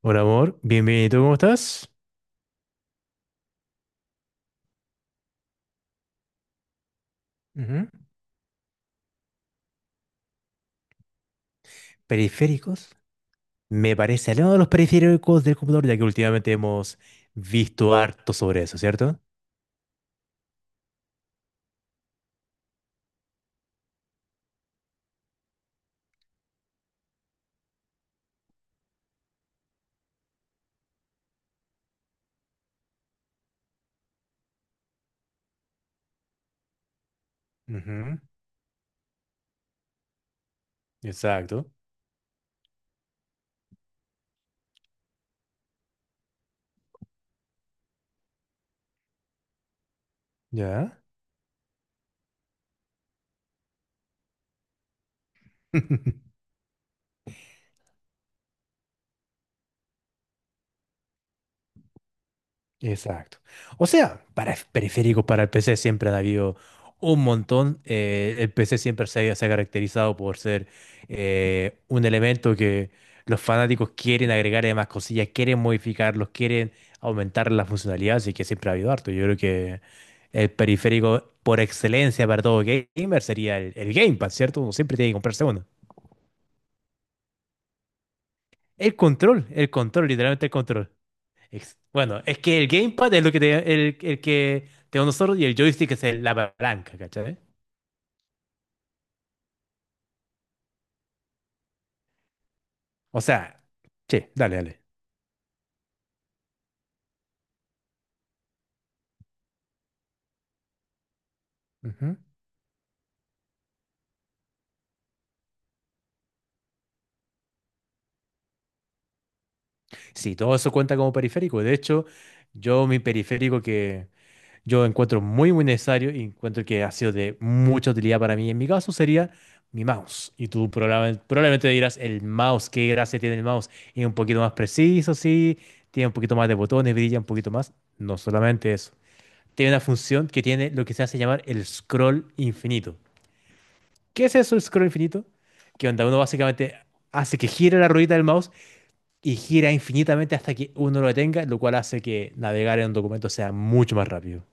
Hola amor, bienvenido, ¿cómo estás? Ujú. Periféricos. Me parece aliado de los periféricos del computador, ya que últimamente hemos visto harto sobre eso, ¿cierto? Ujú. Exacto. ¿Ya? Exacto. O sea, para periférico para el PC siempre han habido un montón. El PC siempre se ha caracterizado por ser un elemento que los fanáticos quieren agregarle más cosillas, quieren modificarlos, quieren aumentar la funcionalidad, así que siempre ha habido harto. Yo creo que el periférico por excelencia para todo gamer sería el Gamepad, ¿cierto? Uno siempre tiene que comprarse uno. El control, literalmente el control. Bueno, es que el gamepad es lo que el que tenemos nosotros y el joystick es la palanca, ¿cachai? O sea, sí, dale, dale. Ujú. Sí, todo eso cuenta como periférico. De hecho, yo mi periférico que yo encuentro muy necesario y encuentro que ha sido de mucha utilidad para mí, en mi caso sería mi mouse. Y tú probablemente dirás, el mouse, qué gracia tiene el mouse. Es un poquito más preciso, sí, tiene un poquito más de botones, brilla un poquito más. No solamente eso. Tiene una función que tiene lo que se hace llamar el scroll infinito. ¿Qué es eso, el scroll infinito? Que onda uno básicamente hace que gire la ruedita del mouse y gira infinitamente hasta que uno lo detenga, lo cual hace que navegar en un documento sea mucho más rápido.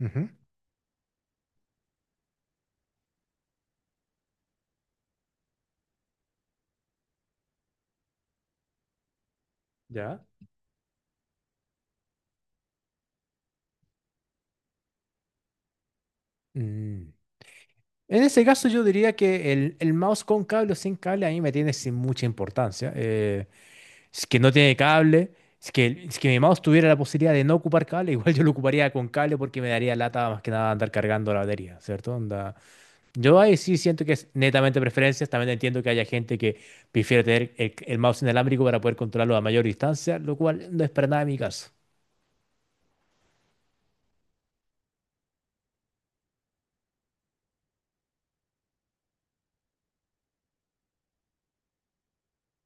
Ujú. ¿Ya? Mm. En ese caso yo diría que el mouse con cable o sin cable a mí me tiene sin mucha importancia. Si Es que no tiene cable. Si Es que, si es que mi mouse tuviera la posibilidad de no ocupar cable, igual yo lo ocuparía con cable porque me daría lata más que nada andar cargando la batería, ¿cierto? Onda. Yo ahí sí siento que es netamente preferencias. También entiendo que haya gente que prefiere tener el mouse inalámbrico para poder controlarlo a mayor distancia, lo cual no es para nada mi caso.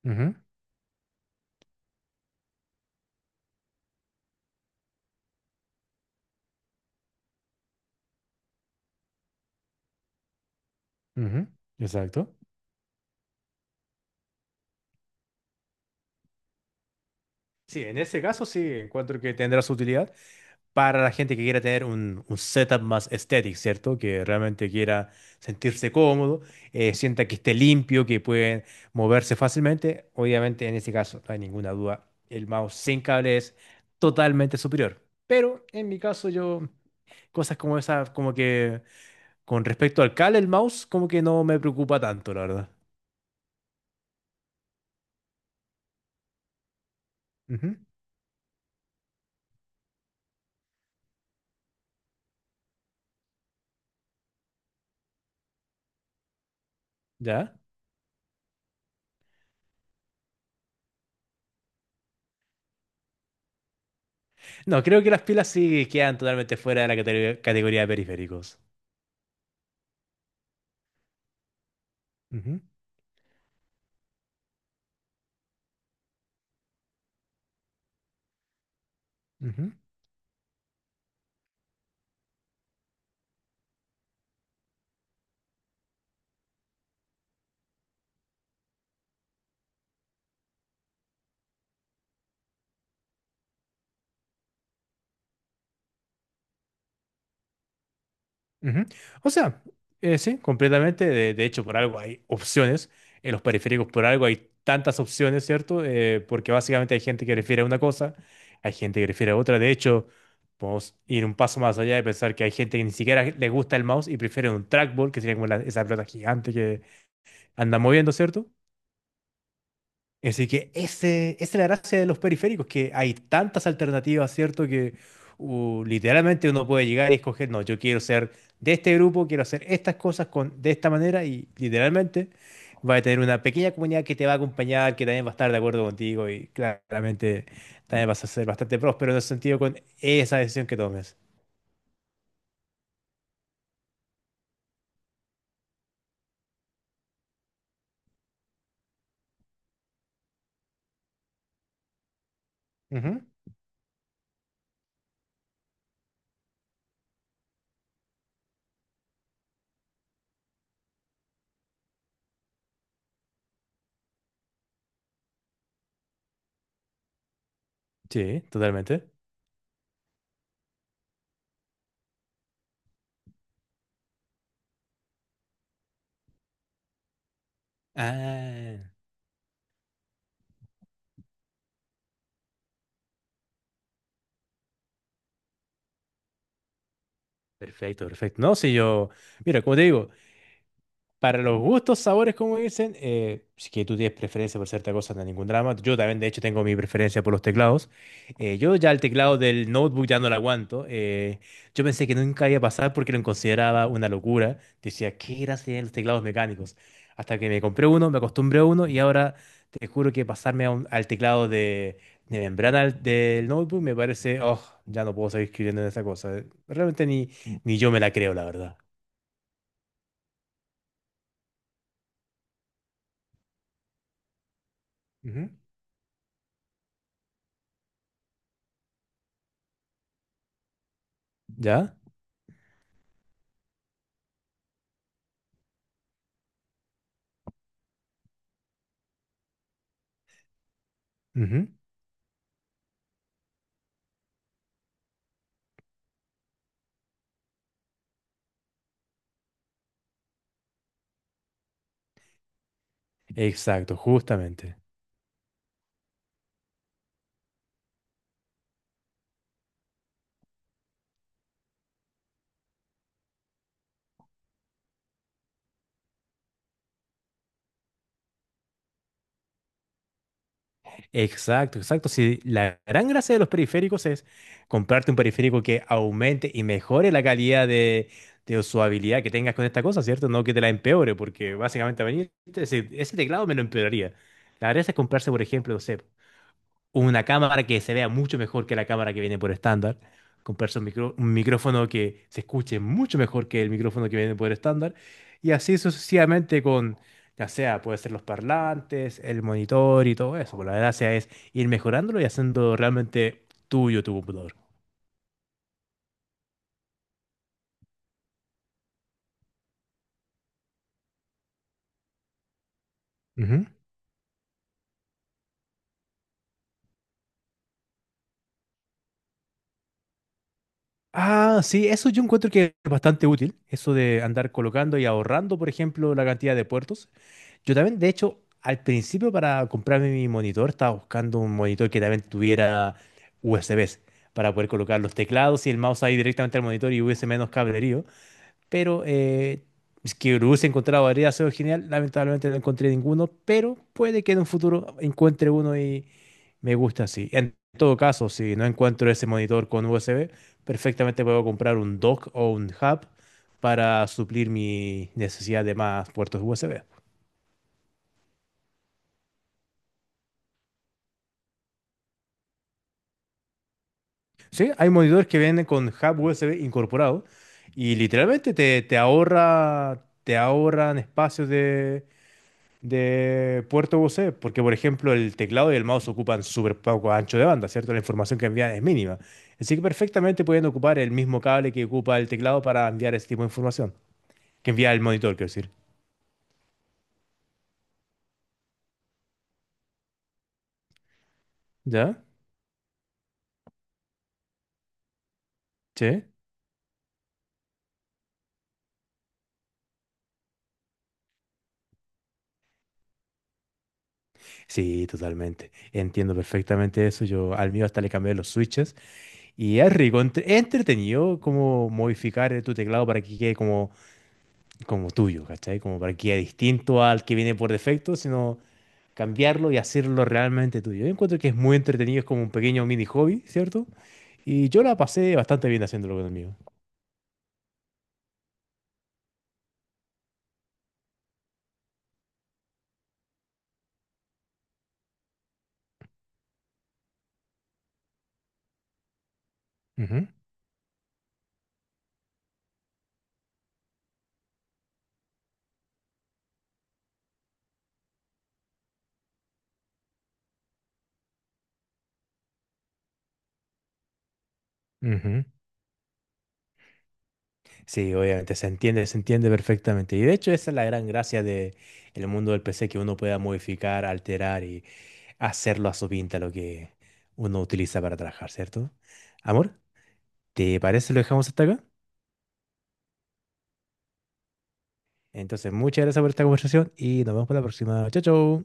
Ujú, ujú, exacto. Sí, en ese caso sí encuentro que tendrá su utilidad para la gente que quiera tener un setup más estético, ¿cierto? Que realmente quiera sentirse cómodo, sienta que esté limpio, que pueden moverse fácilmente. Obviamente, en este caso, no hay ninguna duda, el mouse sin cable es totalmente superior. Pero en mi caso, yo, cosas como esas, como que con respecto al cable, el mouse, como que no me preocupa tanto, la verdad. Ujú, ¿ya? No, creo que las pilas sí quedan totalmente fuera de la categoría de periféricos. Ujú, ujú. Ujú. O sea, sí, completamente. De hecho, por algo hay opciones. En los periféricos, por algo hay tantas opciones, ¿cierto? Porque básicamente hay gente que refiere a una cosa, hay gente que refiere a otra. De hecho, podemos ir un paso más allá de pensar que hay gente que ni siquiera le gusta el mouse y prefiere un trackball, que sería como esa pelota gigante que anda moviendo, ¿cierto? Así que ese, esa es la gracia de los periféricos, que hay tantas alternativas, ¿cierto? Que literalmente uno puede llegar y escoger, no, yo quiero ser de este grupo, quiero hacer estas cosas con, de esta manera y literalmente va a tener una pequeña comunidad que te va a acompañar, que también va a estar de acuerdo contigo y claramente también vas a ser bastante próspero en ese sentido con esa decisión que tomes. Ujú. Sí, totalmente. Ah, perfecto, perfecto. No, si yo, mira, como te digo, para los gustos, sabores, como dicen, si que tú tienes preferencia por cierta cosa, no hay ningún drama. Yo también, de hecho, tengo mi preferencia por los teclados. Yo ya el teclado del notebook ya no lo aguanto. Yo pensé que nunca iba a pasar porque lo consideraba una locura. Decía, ¿qué gracia tienen los teclados mecánicos? Hasta que me compré uno, me acostumbré a uno y ahora te juro que pasarme a al teclado de membrana del notebook me parece, oh, ya no puedo seguir escribiendo en esa cosa. Realmente ni yo me la creo, la verdad. Ujú. ¿Ya? Exacto, justamente. Exacto, exacto. Si la gran gracia de los periféricos es comprarte un periférico que aumente y mejore la calidad de usabilidad que tengas con esta cosa, ¿cierto? No que te la empeore, porque básicamente a venir, ese teclado me lo empeoraría. La gracia es comprarse, por ejemplo, no sé, una cámara que se vea mucho mejor que la cámara que viene por estándar, comprarse un micrófono que se escuche mucho mejor que el micrófono que viene por estándar, y así sucesivamente con, ya sea, puede ser los parlantes, el monitor y todo eso. Pues la gracia es ir mejorándolo y haciendo realmente tuyo tu computador. Ujú. Ah, sí, eso yo encuentro que es bastante útil, eso de andar colocando y ahorrando, por ejemplo, la cantidad de puertos. Yo también, de hecho, al principio para comprarme mi monitor estaba buscando un monitor que también tuviera USBs para poder colocar los teclados y el mouse ahí directamente al monitor y hubiese menos cablerío. Pero es que lo hubiese encontrado habría sido genial. Lamentablemente no encontré ninguno, pero puede que en un futuro encuentre uno y me gusta así. En todo caso, si no encuentro ese monitor con USB, perfectamente puedo comprar un dock o un hub para suplir mi necesidad de más puertos USB. Sí, hay monitores que vienen con hub USB incorporado y literalmente te ahorra, te ahorran espacios de puerto USB, porque por ejemplo el teclado y el mouse ocupan súper poco ancho de banda, ¿cierto? La información que envían es mínima. Así que perfectamente pueden ocupar el mismo cable que ocupa el teclado para enviar ese tipo de información, que envía el monitor, quiero decir. ¿Ya? ¿Sí? Sí, totalmente. Entiendo perfectamente eso. Yo al mío hasta le cambié los switches. Y es rico, es entretenido como modificar tu teclado para que quede como, como tuyo, ¿cachai? Como para que quede distinto al que viene por defecto, sino cambiarlo y hacerlo realmente tuyo. Yo encuentro que es muy entretenido, es como un pequeño mini hobby, ¿cierto? Y yo la pasé bastante bien haciéndolo con amigos. Ujú, ujú. Sí, obviamente, se entiende perfectamente. Y de hecho esa es la gran gracia de el mundo del PC, que uno pueda modificar, alterar y hacerlo a su pinta lo que uno utiliza para trabajar, ¿cierto? Amor. ¿Te parece si lo dejamos hasta acá? Entonces, muchas gracias por esta conversación y nos vemos para la próxima. Chao, chao.